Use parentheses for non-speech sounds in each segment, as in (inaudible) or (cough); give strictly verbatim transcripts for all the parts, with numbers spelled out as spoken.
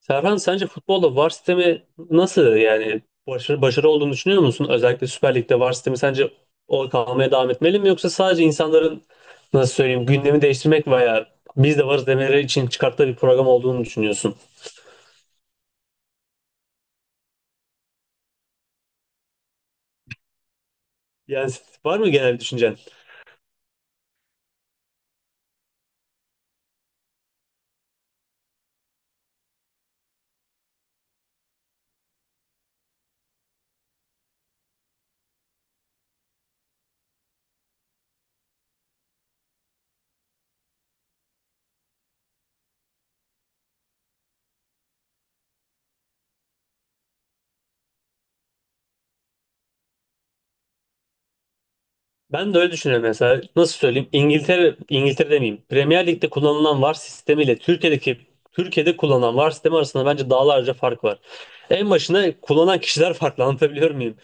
Serhan sence futbolda VAR sistemi nasıl yani başarı, başarı olduğunu düşünüyor musun? Özellikle Süper Lig'de VAR sistemi sence o kalmaya devam etmeli mi, yoksa sadece insanların nasıl söyleyeyim gündemi değiştirmek veya biz de varız demeleri için çıkarttığı bir program olduğunu düşünüyorsun? Yani var mı genel bir düşüncen? Ben de öyle düşünüyorum mesela. Nasıl söyleyeyim? İngiltere, İngiltere demeyeyim. Premier Lig'de kullanılan VAR sistemiyle Türkiye'deki Türkiye'de kullanılan VAR sistemi arasında bence dağlarca fark var. En başına kullanan kişiler farklı, anlatabiliyor muyum?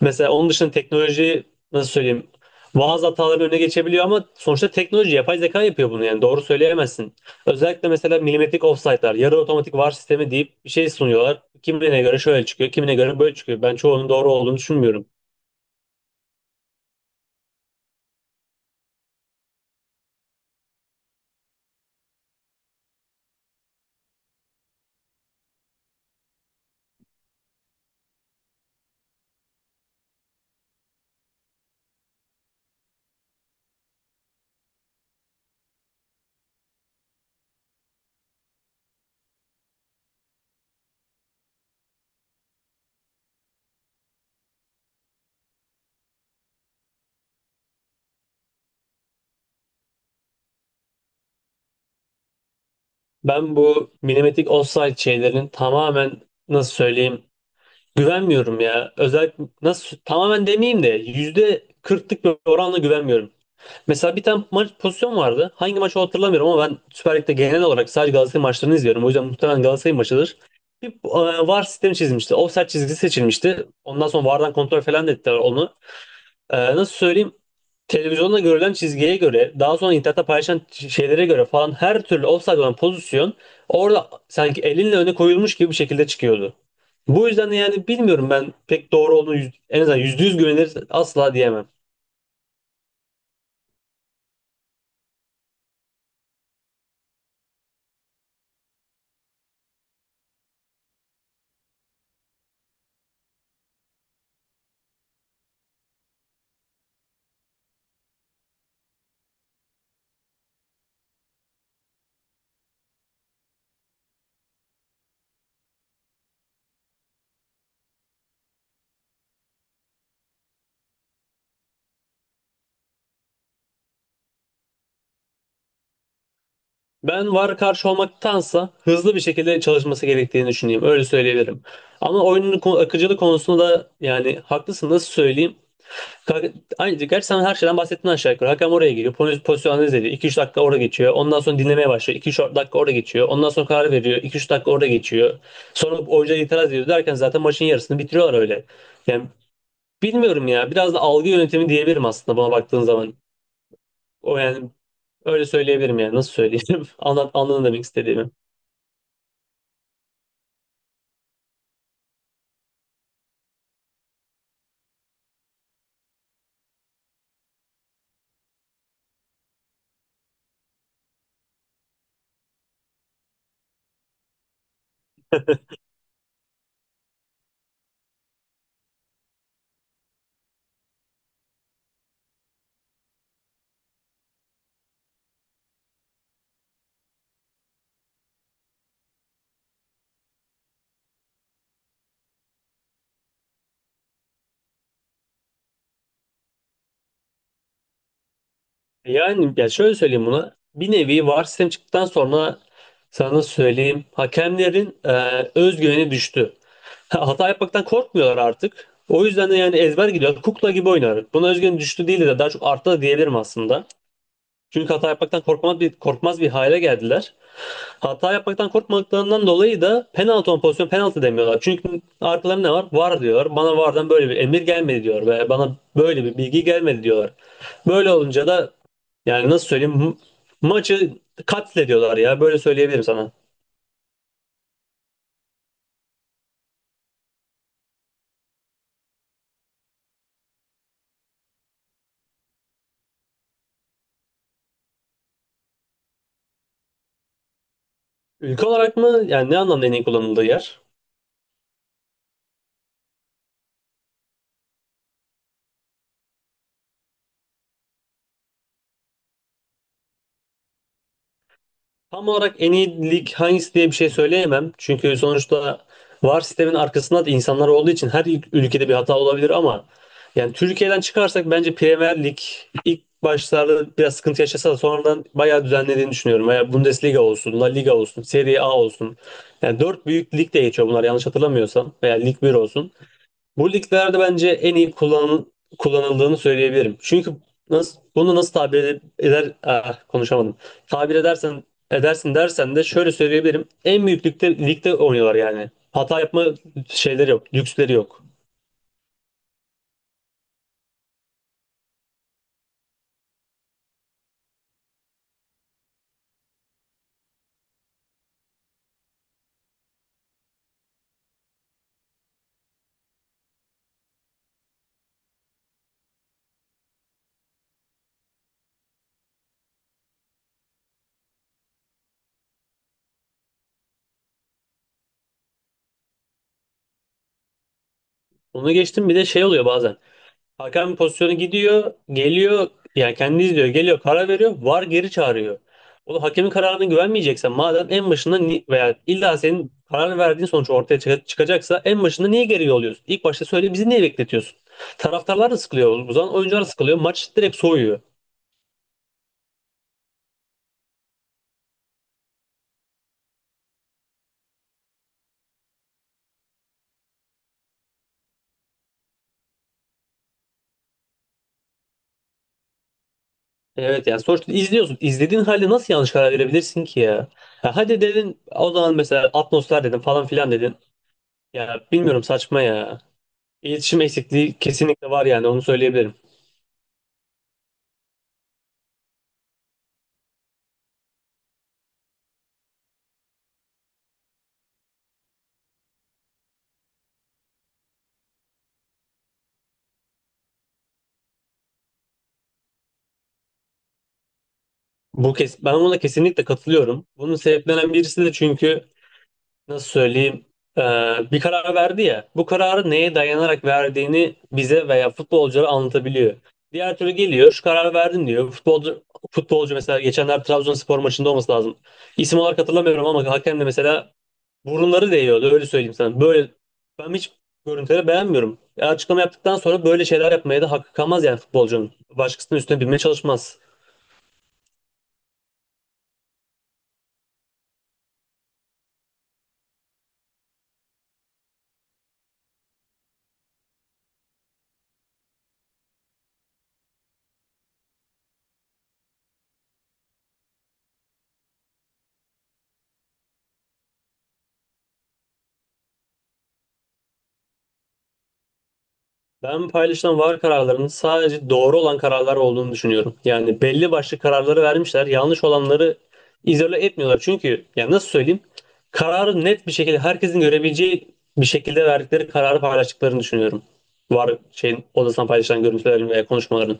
Mesela onun dışında teknoloji, nasıl söyleyeyim? Bazı hataların önüne geçebiliyor ama sonuçta teknoloji, yapay zeka yapıyor bunu, yani doğru söyleyemezsin. Özellikle mesela milimetrik offside'lar, yarı otomatik VAR sistemi deyip bir şey sunuyorlar. Kimine göre şöyle çıkıyor, kimine göre böyle çıkıyor. Ben çoğunun doğru olduğunu düşünmüyorum. Ben bu milimetrik offside şeylerin tamamen, nasıl söyleyeyim, güvenmiyorum ya. Özellikle nasıl tamamen demeyeyim de yüzde kırklık bir oranla güvenmiyorum. Mesela bir tane maç pozisyon vardı. Hangi maçı hatırlamıyorum ama ben Süper Lig'de genel olarak sadece Galatasaray maçlarını izliyorum. O yüzden muhtemelen Galatasaray maçıdır. Bir e, VAR sistemi çizmişti. Offside çizgisi seçilmişti. Ondan sonra VAR'dan kontrol falan da ettiler onu. E, nasıl söyleyeyim? Televizyonda görülen çizgiye göre, daha sonra internette paylaşan ç- şeylere göre falan her türlü offside olan pozisyon orada sanki elinle öne koyulmuş gibi bir şekilde çıkıyordu. Bu yüzden de yani bilmiyorum, ben pek doğru olduğunu yüz- en azından yüzde yüz güvenilir asla diyemem. Ben VAR karşı olmaktansa hızlı bir şekilde çalışması gerektiğini düşünüyorum. Öyle söyleyebilirim. Ama oyunun ko- akıcılığı konusunda da yani haklısın, nasıl söyleyeyim. Ka- Aynı şey. Gerçi sen her şeyden bahsettin aşağı yukarı. Hakem oraya geliyor. Poz pozisyon analiz ediyor. iki üç dakika orada geçiyor. Ondan sonra dinlemeye başlıyor. iki üç dakika orada geçiyor. Ondan sonra karar veriyor. iki üç dakika orada geçiyor. Sonra oyuncuya itiraz ediyor derken zaten maçın yarısını bitiriyorlar öyle. Yani bilmiyorum ya. Biraz da algı yönetimi diyebilirim aslında buna baktığın zaman. O yani öyle söyleyebilirim yani. Nasıl söyleyeyim? (laughs) Anlat, anladın demek istediğimi. Yani ya şöyle söyleyeyim buna. Bir nevi VAR sistem çıktıktan sonra sana nasıl söyleyeyim. Hakemlerin e, özgüveni düştü. (laughs) Hata yapmaktan korkmuyorlar artık. O yüzden de yani ezber gidiyor. Kukla gibi oynar. Buna özgüveni düştü değil de daha çok arttı da diyebilirim aslında. Çünkü hata yapmaktan korkmaz bir, korkmaz bir hale geldiler. Hata yapmaktan korkmadıklarından dolayı da penaltı olan pozisyon penaltı demiyorlar. Çünkü arkalarında ne var? VAR diyor. Bana VAR'dan böyle bir emir gelmedi diyor. Ve bana böyle bir bilgi gelmedi diyorlar. Böyle olunca da yani nasıl söyleyeyim? ma- Maçı katlediyorlar ya. Böyle söyleyebilirim sana. Ülke olarak mı? Yani ne anlamda en iyi kullanıldığı yer? Tam olarak en iyi lig hangisi diye bir şey söyleyemem. Çünkü sonuçta VAR sistemin arkasında da insanlar olduğu için her ül- ülkede bir hata olabilir ama yani Türkiye'den çıkarsak bence Premier Lig ilk başlarda biraz sıkıntı yaşasa da sonradan bayağı düzenlediğini düşünüyorum. Veya Bundesliga olsun, La Liga olsun, Serie A olsun. Yani dört büyük lig de geçiyor bunlar, yanlış hatırlamıyorsam. Veya Lig bir olsun. Bu liglerde bence en iyi kullanıl kullanıldığını söyleyebilirim. Çünkü nasıl, bunu nasıl tabir ed- eder, ah, konuşamadım. Tabir edersen edersin dersen de şöyle söyleyebilirim. En büyük ligde, ligde oynuyorlar yani. Hata yapma şeyleri yok, lüksleri yok. Onu geçtim, bir de şey oluyor bazen. Hakem pozisyonu gidiyor, geliyor, yani kendi izliyor, geliyor, karar veriyor, VAR geri çağırıyor. O hakemin kararına güvenmeyeceksen madem en başında ni- veya illa senin karar verdiğin sonuç ortaya çık- çıkacaksa en başında niye geri yolluyorsun? İlk başta söyle, bizi niye bekletiyorsun? Taraftarlar da sıkılıyor, o zaman oyuncular da sıkılıyor, maç direkt soğuyor. Evet, yani sonuçta izliyorsun. İzlediğin halde nasıl yanlış karar verebilirsin ki ya? Ha, hadi dedin o zaman mesela, atmosfer dedin falan filan dedin. Ya bilmiyorum, saçma ya. İletişim eksikliği kesinlikle var, yani onu söyleyebilirim. Bu kes Ben buna kesinlikle katılıyorum. Bunun sebeplenen birisi de çünkü nasıl söyleyeyim e, bir karar verdi ya. Bu kararı neye dayanarak verdiğini bize veya futbolculara anlatabiliyor. Diğer türlü geliyor, şu karar verdim diyor. Futbolcu, futbolcu mesela, geçenler Trabzonspor maçında olması lazım. İsim olarak hatırlamıyorum ama hakem de mesela burunları değiyordu, öyle söyleyeyim sana. Böyle ben hiç görüntüleri beğenmiyorum. E, açıklama yaptıktan sonra böyle şeyler yapmaya da hakkı kalmaz yani futbolcunun. Başkasının üstüne binmeye çalışmaz. Ben paylaşılan VAR kararlarının sadece doğru olan kararlar olduğunu düşünüyorum. Yani belli başlı kararları vermişler. Yanlış olanları izole etmiyorlar. Çünkü yani nasıl söyleyeyim? Kararı net bir şekilde, herkesin görebileceği bir şekilde verdikleri kararı paylaştıklarını düşünüyorum. VAR şeyin odasından paylaşılan görüntülerin veya konuşmaların.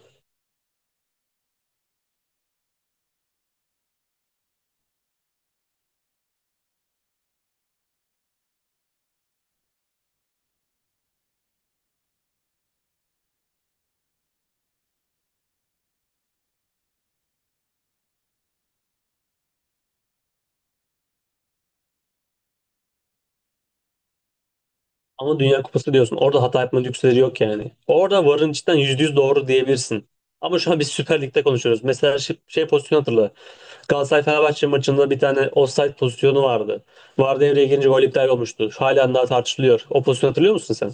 Ama Dünya Kupası diyorsun. Orada hata yapma lüksleri yok yani. Orada varın içinden yüzde yüz doğru diyebilirsin. Ama şu an biz Süper Lig'de konuşuyoruz. Mesela şey, şey pozisyonu hatırla. Galatasaray Fenerbahçe maçında bir tane offside pozisyonu vardı. VAR devreye girince gol iptal olmuştu. Halen daha tartışılıyor. O pozisyonu hatırlıyor musun sen?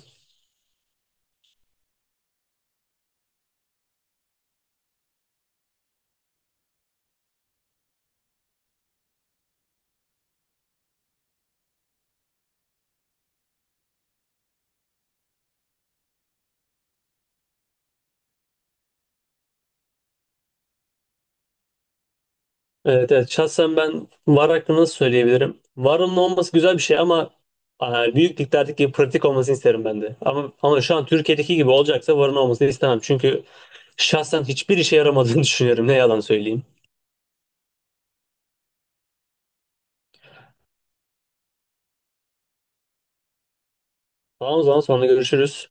Evet, evet. Şahsen ben VAR hakkında nasıl söyleyebilirim? VAR'ın olması güzel bir şey ama e, büyük liglerdeki gibi pratik olmasını isterim ben de. Ama, ama şu an Türkiye'deki gibi olacaksa VAR'ın olmasını istemem. Çünkü şahsen hiçbir işe yaramadığını (laughs) düşünüyorum. Ne yalan söyleyeyim. Tamam, o zaman sonra görüşürüz.